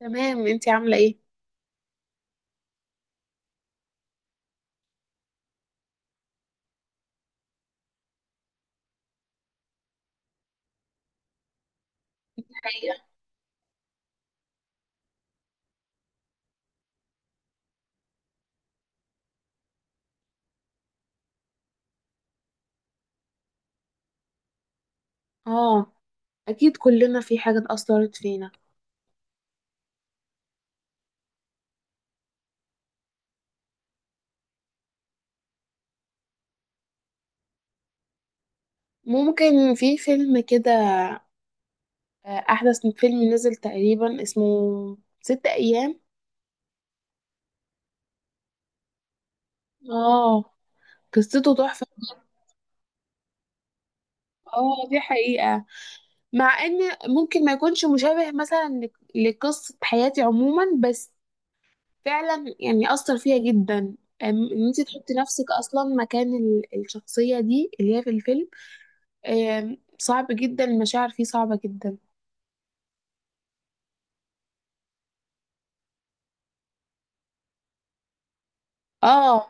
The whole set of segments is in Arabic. تمام، انتي عاملة ايه؟ اه، اكيد كلنا في حاجة اتأثرت فينا. ممكن في فيلم كده. احدث فيلم نزل تقريبا اسمه ست ايام. اه، قصته تحفة. اه دي حقيقة. مع ان ممكن ما يكونش مشابه مثلا لقصة حياتي عموما، بس فعلا يعني اثر فيها جدا. ان انت تحطي نفسك اصلا مكان الشخصية دي اللي هي في الفيلم. صعب جدا، المشاعر فيه صعبة جدا. اه،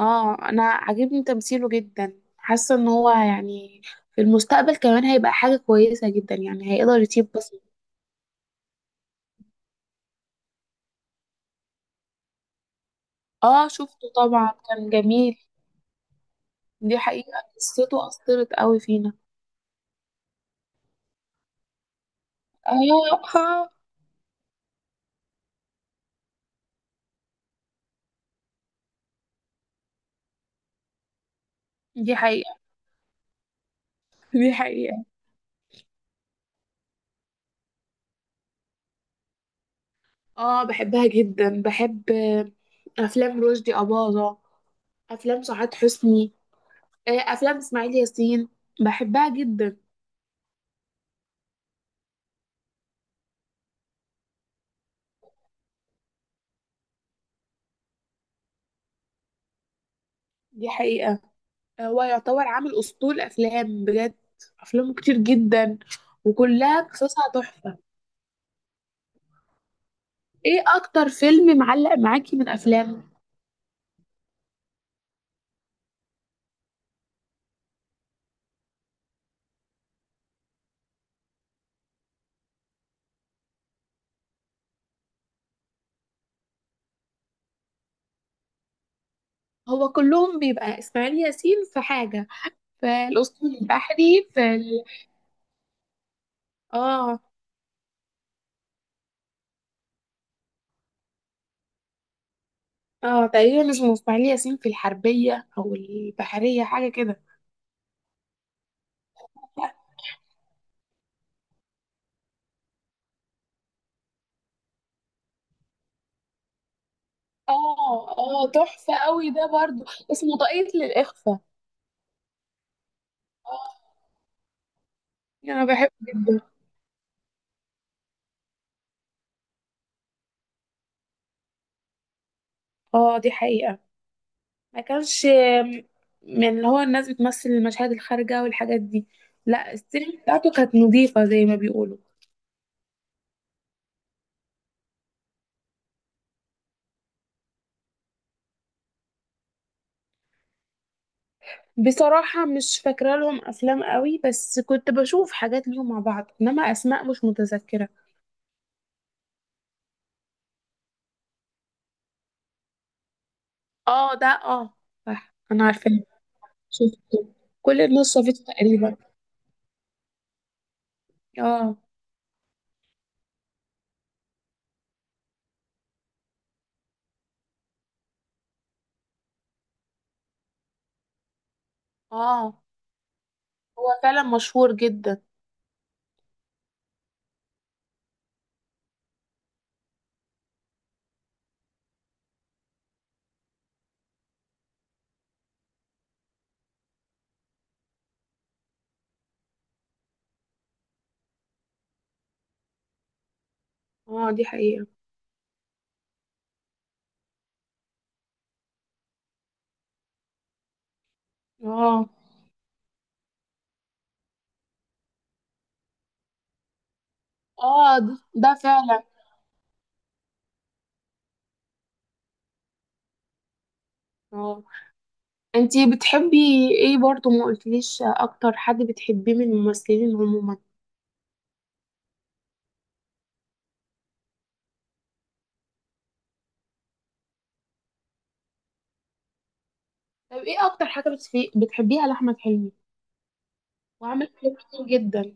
اه انا عاجبني تمثيله جدا، حاسه ان هو يعني في المستقبل كمان هيبقى حاجه كويسه جدا، يعني هيقدر يسيب بصمه. اه شفته طبعا، كان جميل. دي حقيقه، قصته اثرت قوي فينا. اه دي حقيقه، دي حقيقه. اه بحبها جدا، بحب افلام رشدي اباظه، افلام سعاد حسني، افلام اسماعيل ياسين، بحبها جدا. دي حقيقه. هو يعتبر عامل أسطول أفلام بجد، أفلامه كتير جدا وكلها قصصها تحفة. إيه أكتر فيلم معلق معاكي من أفلامه؟ هو كلهم بيبقى إسماعيل ياسين في حاجة، في الأسطول البحري، في ال... آه، تقريبا اسمه إسماعيل ياسين في الحربية أو البحرية، حاجة كده. آه، تحفة قوي ده برضو، اسمه طاقية للإخفاء. آه، أنا بحبه جدا. آه دي حقيقة. ما كانش من اللي هو الناس بتمثل المشاهد الخارجة والحاجات دي. لا، السينما بتاعته كانت نظيفة زي ما بيقولوا. بصراحة مش فاكرة لهم أفلام قوي، بس كنت بشوف حاجات ليهم مع بعض، إنما أسماء مش متذكرة. اه ده اه، صح أنا عارفة. شفته، كل الناس شافته تقريبا. اه. اه، هو فعلا مشهور جدا. اه دي حقيقة. اه. اه ده فعلا. اه، انتي بتحبي ايه؟ برضو ما قلتليش اكتر حد بتحبيه من الممثلين عموما. طب ايه اكتر حاجة بتحبيها لأحمد حلمي؟ وعمل حاجات كتير جدا.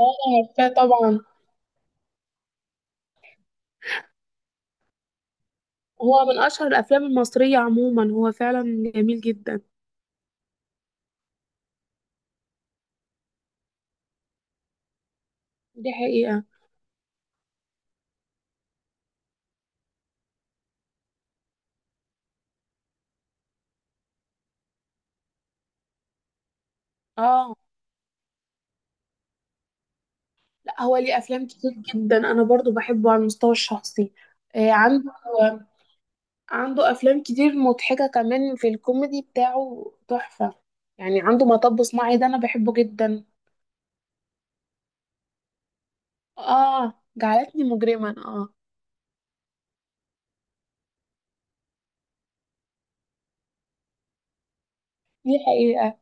اه عارفاه طبعا، هو من اشهر الافلام المصرية عموما، هو فعلا جميل جدا. دي حقيقة. اه، لا هو ليه افلام كتير جدا، انا برضو بحبه على المستوى الشخصي. آه، عنده افلام كتير مضحكة كمان، في الكوميدي بتاعه تحفة يعني. عنده مطب صناعي، ده انا بحبه جدا. اه جعلتني مجرما، اه دي حقيقة.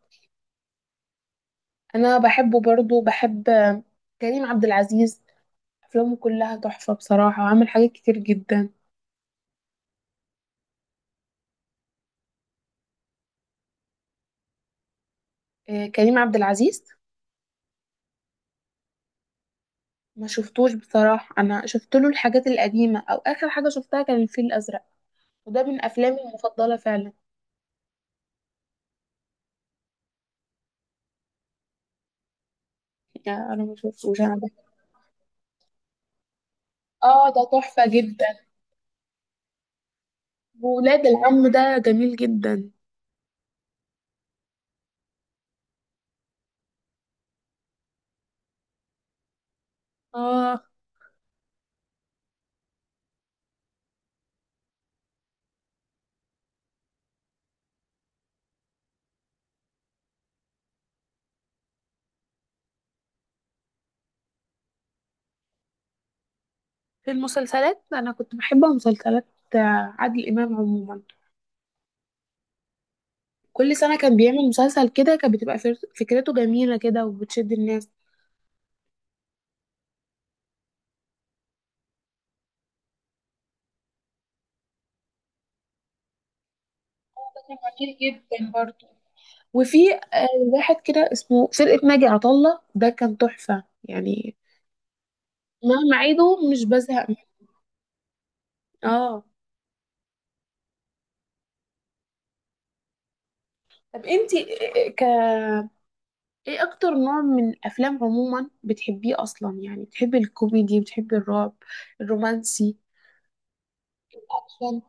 انا بحبه برضو، بحب كريم عبد العزيز، افلامه كلها تحفة بصراحة، وعمل حاجات كتير جدا. آه كريم عبد العزيز. ما شفتوش بصراحة، انا شفت له الحاجات القديمة، او اخر حاجة شفتها كان الفيل الازرق، وده من افلامي المفضلة فعلا. يعني انا ما شفتوش انا ده. اه ده تحفة جدا، وولاد العم ده جميل جدا. اه، في المسلسلات انا كنت بحب مسلسلات عادل امام عموما. كل سنة كان بيعمل مسلسل كده، كانت بتبقى فكرته جميلة كده وبتشد الناس. مسلسل خطير جدا برضه. وفي واحد كده اسمه فرقة ناجي عطا الله، ده كان تحفة يعني، مهما أعيده مش بزهق منه. اه. طب انتي إيه- ك ايه اكتر نوع من الافلام عموما بتحبيه اصلا؟ يعني بتحبي الكوميدي، بتحبي الرعب، الرومانسي؟ عشان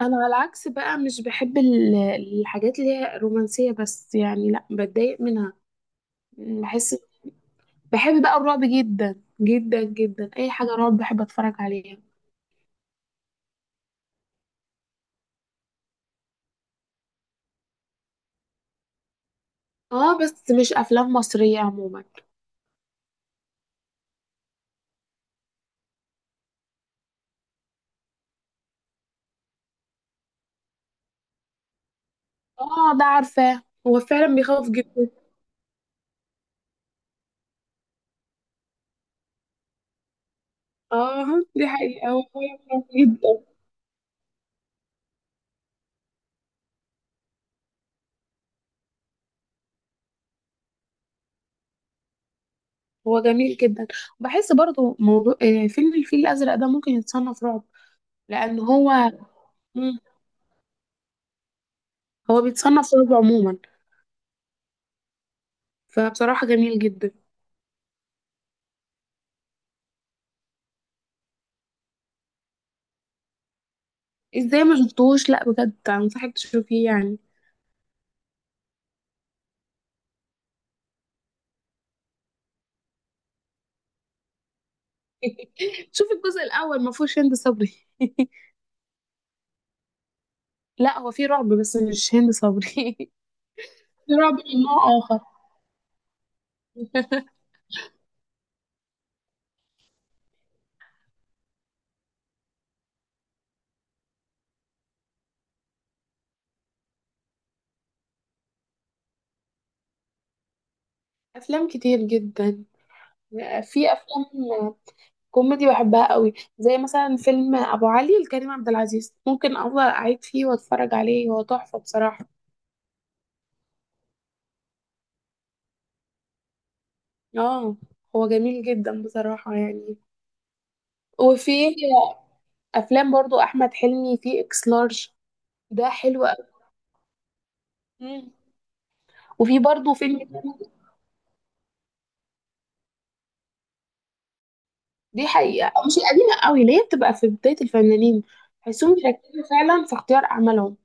انا على العكس بقى، مش بحب الحاجات اللي هي رومانسية بس، يعني لا بتضايق منها. بحس، بحب بقى الرعب جدا جدا جدا، اي حاجه رعب بحب اتفرج عليها. اه بس مش افلام مصريه عموما. اه ده عارفاه، هو فعلا بيخوف جدا. اه دي حقيقه، هو فعلا بيخوف جدا. هو جميل جدا. بحس برضو موضوع فيلم الفيل الازرق ده ممكن يتصنف رعب، لان هو مم، هو بيتصنف رعب عموما، فبصراحه جميل جدا. ازاي ما شفتوش؟ لا بجد انصحك تشوفيه يعني. شوف الجزء الاول، ما فيهوش هند صبري لا هو في رعب، بس مش هند صبري في رعب من نوع آخر. افلام كتير جدا. في افلام كوميدي بحبها قوي، زي مثلا فيلم ابو علي لكريم عبد العزيز، ممكن افضل اعيد فيه واتفرج عليه، هو تحفة بصراحة. اه، هو جميل جدا بصراحة يعني. وفي افلام برضو احمد حلمي، في اكس لارج، ده حلو قوي. مم. وفي برضو فيلم تاني. دي حقيقة، مش القديمة قوي، اللي هي بتبقى في بداية الفنانين، بحسهم بيركزوا فعلا في اختيار أعمالهم.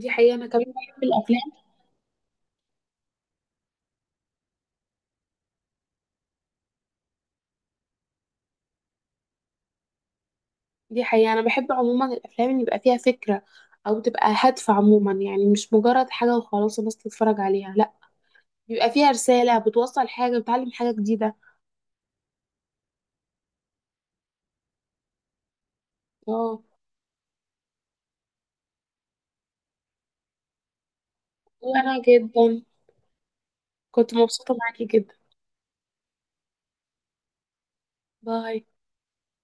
دي حقيقة، أنا كمان بحب الأفلام. دي حقيقة، أنا بحب عموما الأفلام اللي يبقى فيها فكرة، أو تبقى هادفة عموما، يعني مش مجرد حاجة وخلاص الناس تتفرج عليها، لأ، بيبقى فيها رسالة، بتوصل حاجة، بتعلم حاجة جديدة. اه. وأنا جدا، كنت مبسوطة معاكي جدا. باي.